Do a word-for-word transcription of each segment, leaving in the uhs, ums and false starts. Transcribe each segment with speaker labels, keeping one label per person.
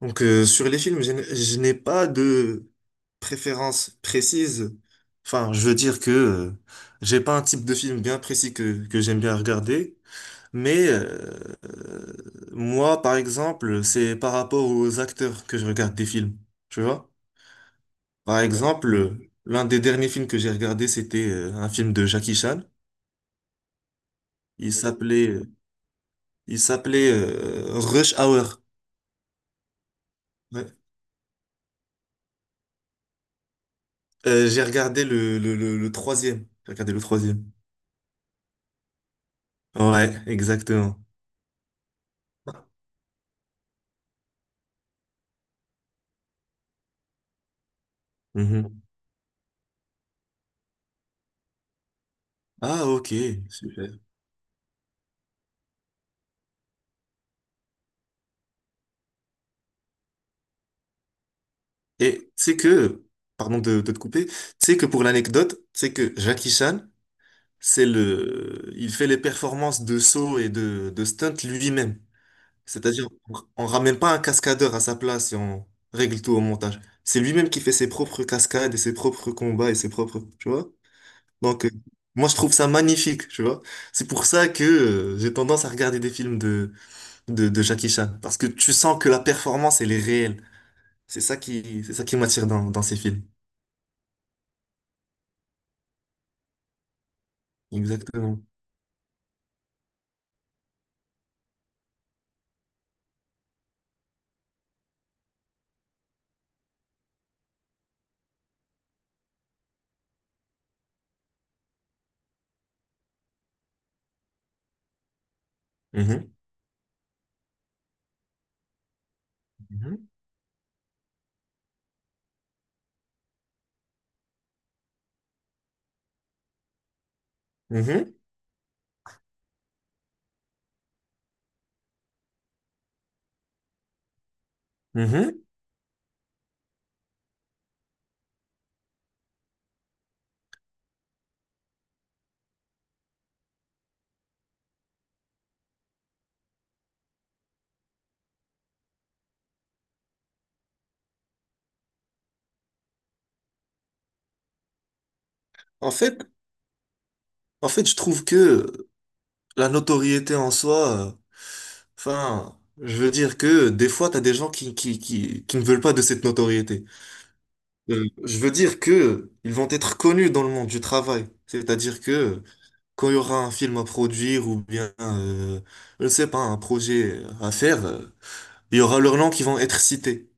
Speaker 1: Donc, euh, sur les films, je n'ai je n'ai pas de préférence précise. Enfin, je veux dire que euh, j'ai pas un type de film bien précis que, que j'aime bien regarder. Mais euh, euh, moi, par exemple, c'est par rapport aux acteurs que je regarde des films. Tu vois? Par, ouais, exemple, euh, l'un des derniers films que j'ai regardé, c'était euh, un film de Jackie Chan. Il s'appelait euh, il s'appelait euh, Rush Hour. Ouais. Euh, j'ai regardé le, le, le, le troisième. J'ai regardé le troisième. Ouais, exactement. Mhm. Ah, ok, super. Et c'est que, pardon de, de te couper, c'est que pour l'anecdote, c'est que Jackie Chan, c'est le, il fait les performances de saut et de, de stunt lui-même. C'est-à-dire, on, on ramène pas un cascadeur à sa place et on règle tout au montage. C'est lui-même qui fait ses propres cascades et ses propres combats et ses propres, tu vois? Donc, euh, moi, je trouve ça magnifique, tu vois? C'est pour ça que, euh, j'ai tendance à regarder des films de. de, de Jackie Chan. Parce que tu sens que la performance, elle est réelle. C'est ça qui, c'est ça qui m'attire dans, dans ces films. Exactement. Mhm. Mhm. Mhm. Mhm. En fait, en fait, je trouve que la notoriété en soi, euh, enfin, je veux dire que des fois, t'as des gens qui, qui, qui, qui ne veulent pas de cette notoriété. Euh, je veux dire que ils vont être connus dans le monde du travail. C'est-à-dire que quand il y aura un film à produire ou bien, euh, je ne sais pas, un projet à faire, euh, Il y aura leurs noms qui vont être cités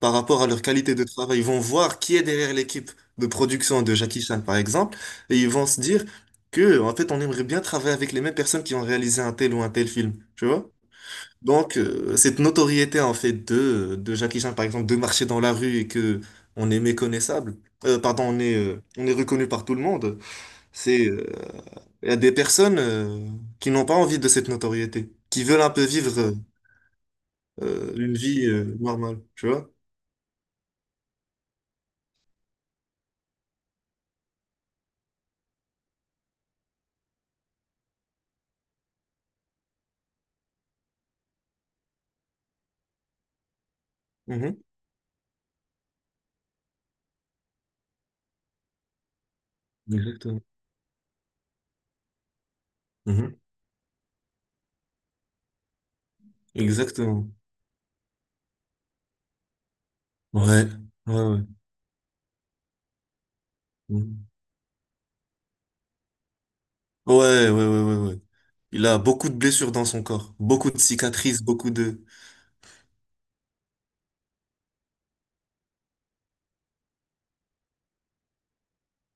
Speaker 1: par rapport à leur qualité de travail. Ils vont voir qui est derrière l'équipe de production de Jackie Chan, par exemple, et ils vont se dire que, en fait, on aimerait bien travailler avec les mêmes personnes qui ont réalisé un tel ou un tel film, tu vois? Donc, euh, cette notoriété, en fait, de, de Jackie Chan, par exemple, de marcher dans la rue et que on est méconnaissable, euh, pardon, on est, euh, on est reconnu par tout le monde, c'est, euh, il y a des personnes, euh, qui n'ont pas envie de cette notoriété, qui veulent un peu vivre, euh, une vie, euh, normale, tu vois? Mhm. Exactement. Mhm. Exactement. Ouais. Ouais, ouais. Mhm. Ouais, ouais, ouais, ouais, ouais. Il a beaucoup de blessures dans son corps, beaucoup de cicatrices, beaucoup de...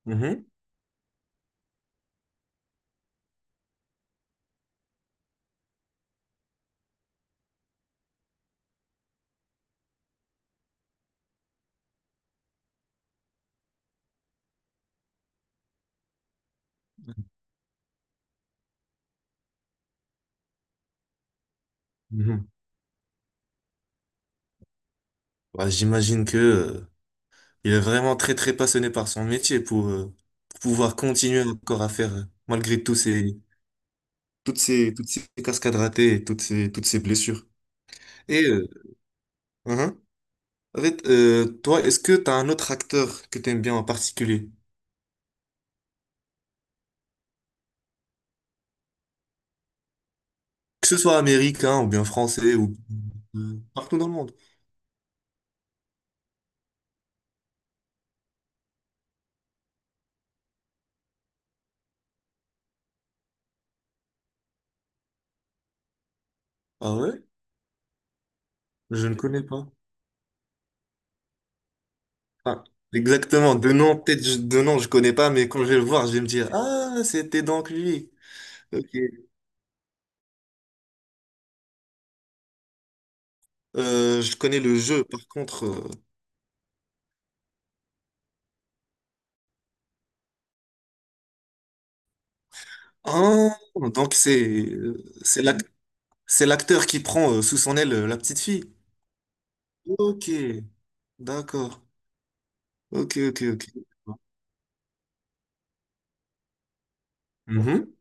Speaker 1: Mhm. Mhm. Bah, j'imagine que, euh, il est vraiment très, très passionné par son métier pour, euh, pour pouvoir continuer encore à faire, euh, malgré tous ces, toutes ces, toutes ces cascades ratées et toutes ces, toutes ces blessures. Et, euh, mhm. En fait, euh, toi, est-ce que tu as un autre acteur que tu aimes bien en particulier? Que ce soit américain ou bien français ou euh, partout dans le monde. Ah ouais? Je ne connais pas. Ah, exactement. De nom, peut-être je- de nom, je connais pas, mais quand je vais le voir, je vais me dire, ah, c'était donc lui. Ok. Euh, je connais le jeu, par contre. euh, Ah, donc c'est euh, c'est l'ac- c'est l'acteur qui prend euh, sous son aile euh, la petite fille. Ok, d'accord. Ok, ok, ok. Mhm.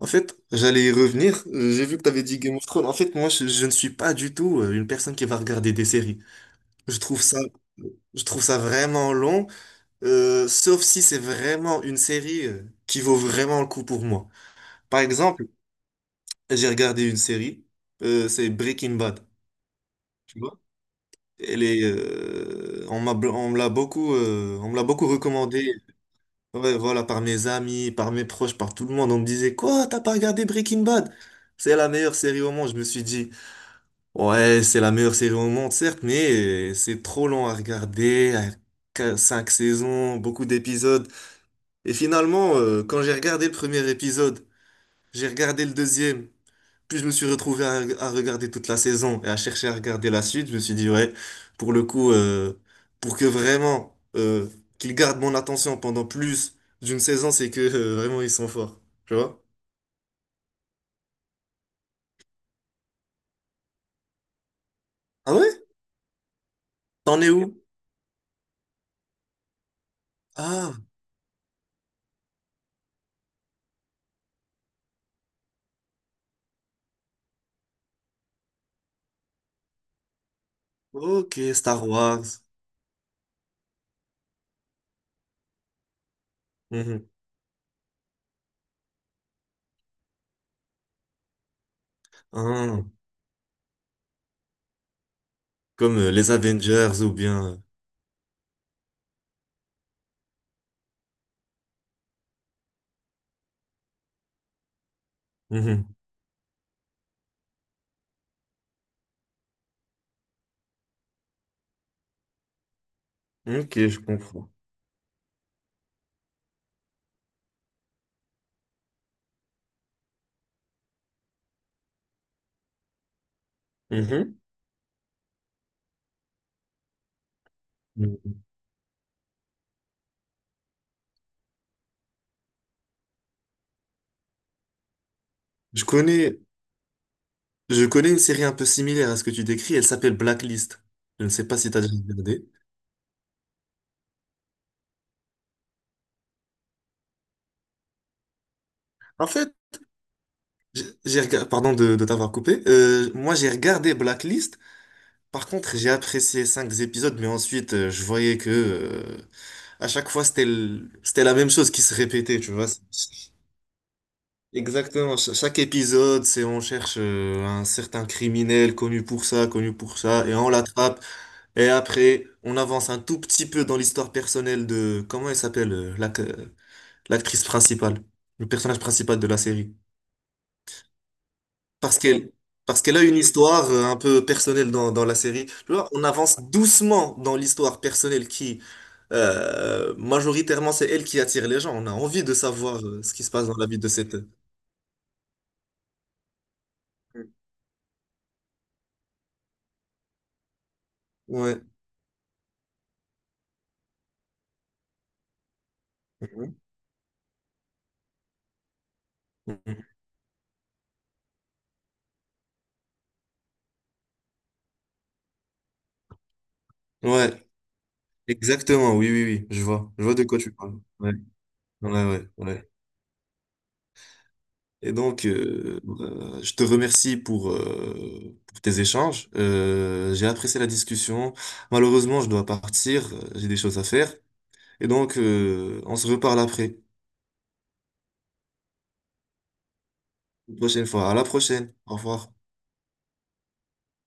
Speaker 1: En fait, j'allais y revenir. Euh, J'ai vu que tu avais dit Game of Thrones. En fait, moi, je, je ne suis pas du tout euh, une personne qui va regarder des séries. Je trouve ça, je trouve ça vraiment long, euh, sauf si c'est vraiment une série euh, qui vaut vraiment le coup pour moi. Par exemple, j'ai regardé une série, euh, c'est Breaking Bad. Tu vois? Elle est, euh, on m'a, on me l'a beaucoup, euh, on me l'a beaucoup recommandé. Ouais, voilà, par mes amis, par mes proches, par tout le monde. On me disait, quoi, t'as pas regardé Breaking Bad? C'est la meilleure série au monde. Je me suis dit. Ouais, c'est la meilleure série au monde, certes, mais euh, c'est trop long à regarder, à qu- cinq saisons, beaucoup d'épisodes. Et finalement, euh, quand j'ai regardé le premier épisode, j'ai regardé le deuxième, puis je me suis retrouvé à, à regarder toute la saison et à chercher à regarder la suite. Je me suis dit, ouais, pour le coup, euh, pour que vraiment euh, qu'ils gardent mon attention pendant plus d'une saison, c'est que euh, vraiment ils sont forts, tu vois? Ah ouais? T'en es où? Ah, ok, Star Wars. Mhm. Ah. Comme euh, les Avengers ou bien... Mhm. Ok, je comprends. Mhm. Mhm. Je connais, je connais une série un peu similaire à ce que tu décris. Elle s'appelle Blacklist. Je ne sais pas si tu as déjà regardé. En fait, j'ai j'ai rega- pardon de, de t'avoir coupé. Euh, moi, j'ai regardé Blacklist. Par contre, j'ai apprécié cinq épisodes, mais ensuite, euh, je voyais que euh, à chaque fois, c'était le- c'était la même chose qui se répétait. Tu vois. Exactement, Cha- chaque épisode, c'est on cherche euh, un certain criminel connu pour ça, connu pour ça, et on l'attrape. Et après, on avance un tout petit peu dans l'histoire personnelle de, comment elle s'appelle, euh, l'ac- euh, l'actrice principale, le personnage principal de la série. Parce qu'elle, Parce qu'elle a une histoire euh, un peu personnelle dans, dans la série. Tu vois, on avance doucement dans l'histoire personnelle qui, euh, majoritairement, c'est elle qui attire les gens. On a envie de savoir euh, ce qui se passe dans la vie de cette... Ouais. Mhm. Ouais, exactement, oui, oui, oui, je vois, je vois de quoi tu parles. Ouais, ouais, ouais, ouais. Et donc, euh, euh, je te remercie pour, euh, pour tes échanges. Euh, j'ai apprécié la discussion. Malheureusement, je dois partir, euh, j'ai des choses à faire. Et donc, euh, on se reparle après, une prochaine fois. À la prochaine, au revoir.